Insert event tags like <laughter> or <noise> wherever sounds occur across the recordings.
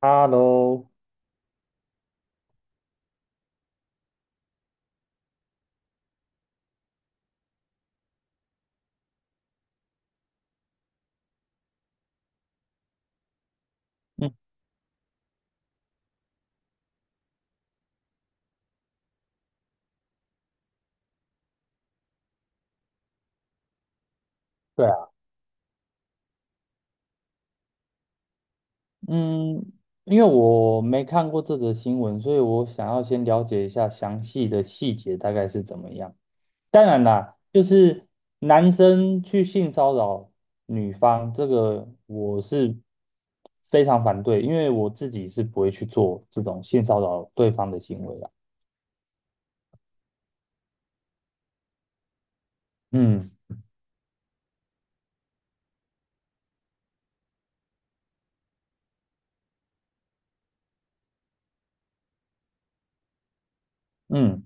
Hello，嗯对啊。嗯，因为我没看过这则新闻，所以我想要先了解一下详细的细节大概是怎么样。当然啦，就是男生去性骚扰女方，这个我是非常反对，因为我自己是不会去做这种性骚扰对方的行为啊嗯嗯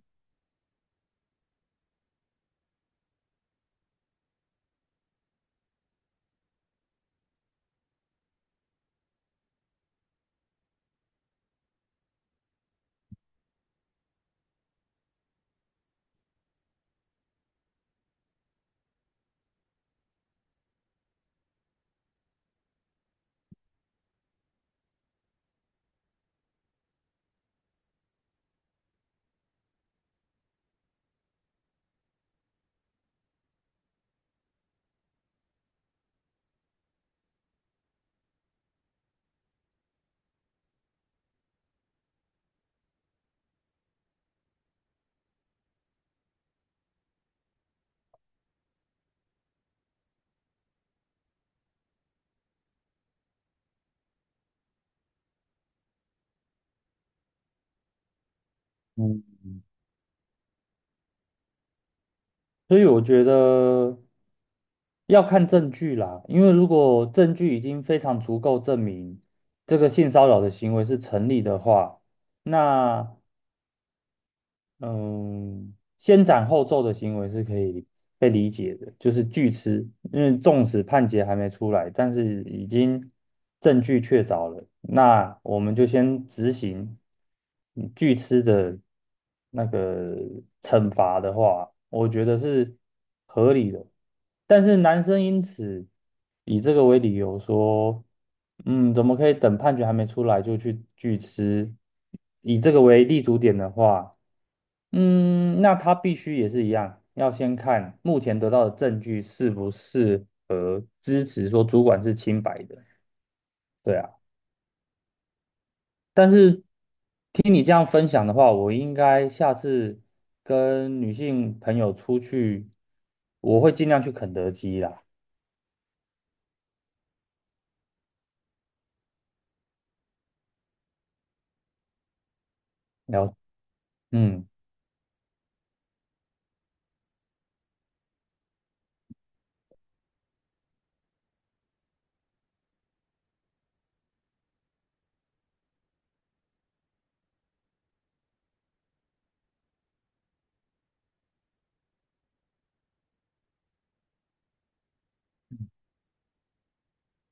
嗯。所以我觉得要看证据啦，因为如果证据已经非常足够证明这个性骚扰的行为是成立的话，那嗯，先斩后奏的行为是可以被理解的，就是据吃，因为纵使判决还没出来，但是已经证据确凿了，那我们就先执行据吃的那个惩罚的话，我觉得是合理的。但是男生因此以这个为理由说，怎么可以等判决还没出来就去据吃？以这个为立足点的话。那他必须也是一样，要先看目前得到的证据是不是支持说主管是清白的，对啊。但是听你这样分享的话，我应该下次跟女性朋友出去，我会尽量去肯德基啦。了，嗯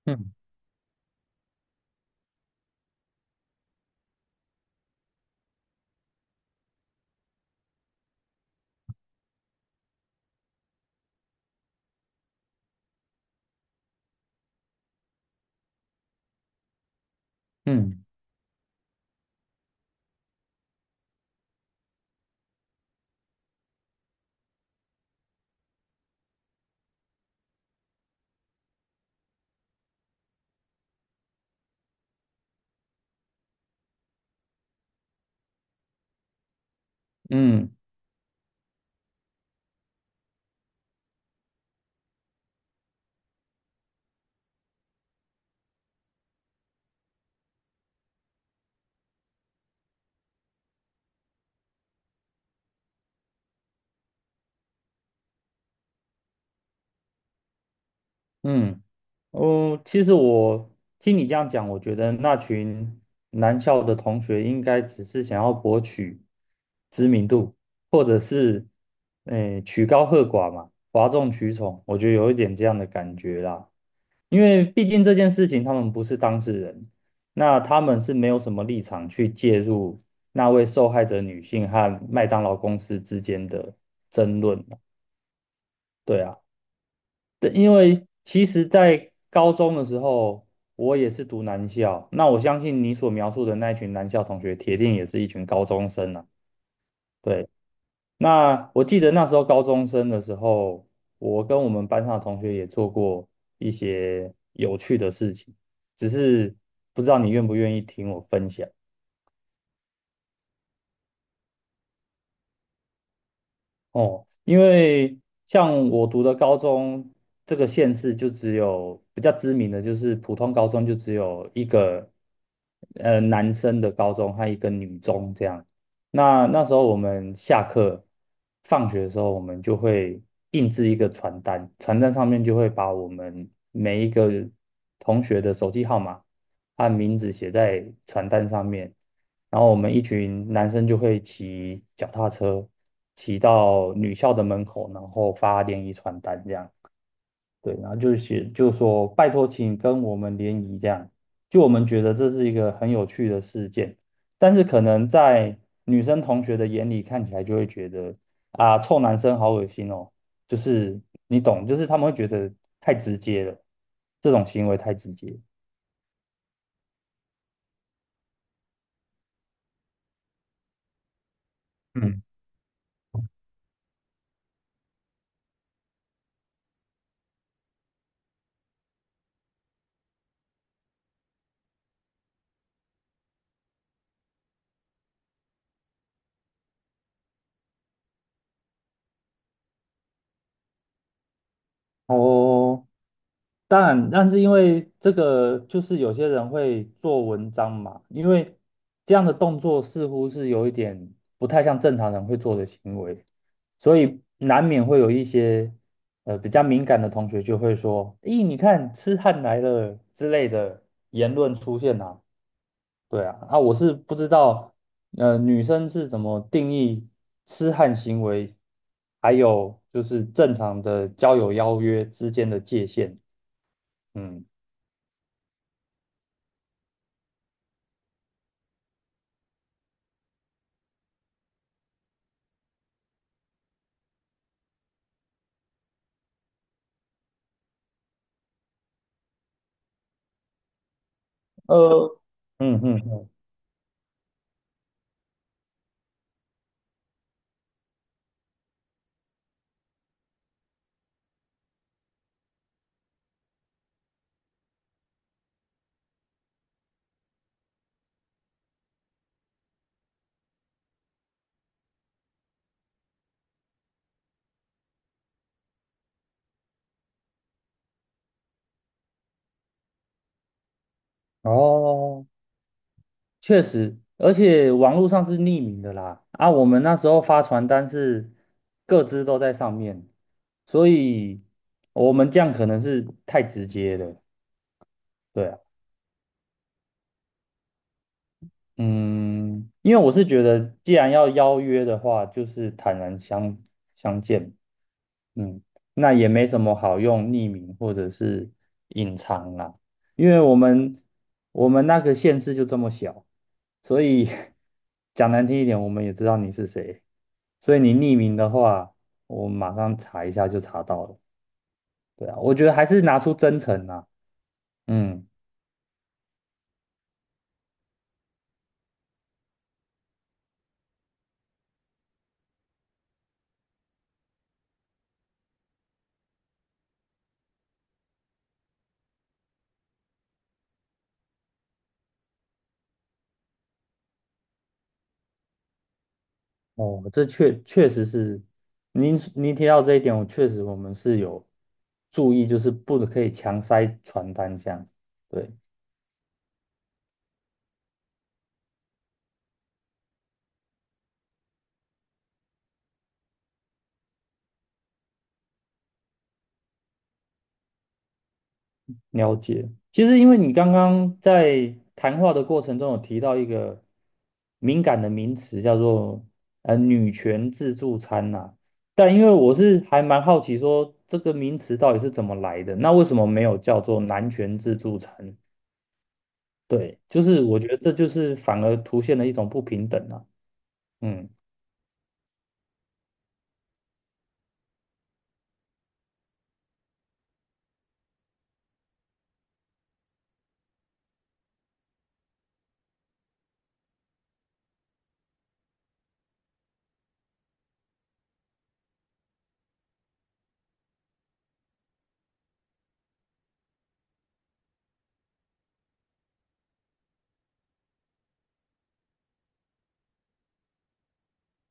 嗯嗯嗯嗯。哦，其实我听你这样讲，我觉得那群男校的同学应该只是想要博取知名度，或者是，诶、曲高和寡嘛，哗众取宠，我觉得有一点这样的感觉啦。因为毕竟这件事情他们不是当事人，那他们是没有什么立场去介入那位受害者女性和麦当劳公司之间的争论的。对啊。对，因为其实，在高中的时候，我也是读男校。那我相信你所描述的那一群男校同学，铁定也是一群高中生啊。对，那我记得那时候高中生的时候，我跟我们班上的同学也做过一些有趣的事情，只是不知道你愿不愿意听我分享。哦，因为像我读的高中，这个县市就只有比较知名的，就是普通高中就只有一个男生的高中和一个女中这样。那那时候我们下课放学的时候，我们就会印制一个传单，传单上面就会把我们每一个同学的手机号码和名字写在传单上面。然后我们一群男生就会骑脚踏车，骑到女校的门口，然后发联谊传单这样。对，然后就写就说拜托，请跟我们联谊这样。就我们觉得这是一个很有趣的事件，但是可能在女生同学的眼里看起来就会觉得啊，臭男生好恶心哦，就是你懂，就是他们会觉得太直接了，这种行为太直接。嗯，哦，当然，但是因为这个，就是有些人会做文章嘛，因为这样的动作似乎是有一点不太像正常人会做的行为，所以难免会有一些比较敏感的同学就会说：“咦，你看痴汉来了”之类的言论出现啊。对啊，啊，我是不知道女生是怎么定义痴汉行为，还有就是正常的交友邀约之间的界限。嗯。呃，嗯嗯嗯。哦，确实，而且网络上是匿名的啦。啊，我们那时候发传单是各自都在上面，所以我们这样可能是太直接了。对啊。嗯，因为我是觉得，既然要邀约的话，就是坦然相见。嗯，那也没什么好用匿名或者是隐藏啦，因为我们那个县市就这么小，所以 <laughs> 讲难听一点，我们也知道你是谁，所以你匿名的话，我马上查一下就查到了。对啊，我觉得还是拿出真诚啦。嗯。哦，这确实是您提到这一点，我确实我们是有注意，就是不可以强塞传单这样。对。了解。其实，因为你刚刚在谈话的过程中有提到一个敏感的名词，叫做女权自助餐呐、但因为我是还蛮好奇说这个名词到底是怎么来的，那为什么没有叫做男权自助餐？对，就是我觉得这就是反而凸现了一种不平等啊。嗯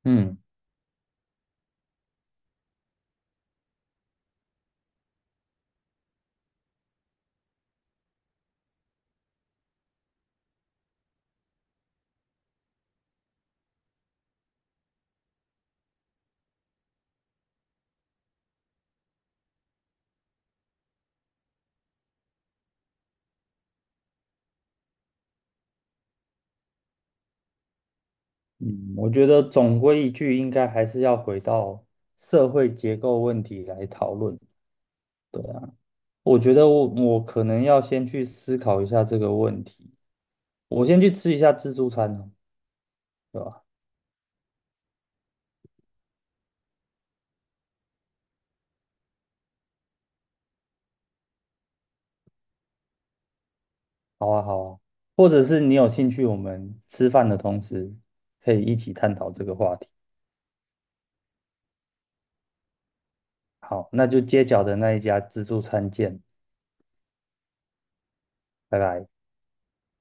嗯嗯，我觉得总归一句，应该还是要回到社会结构问题来讨论。对啊，我觉得我可能要先去思考一下这个问题，我先去吃一下自助餐哦，对吧？好啊，好啊，或者是你有兴趣，我们吃饭的同时可以一起探讨这个话题。好，那就街角的那一家自助餐见，拜拜。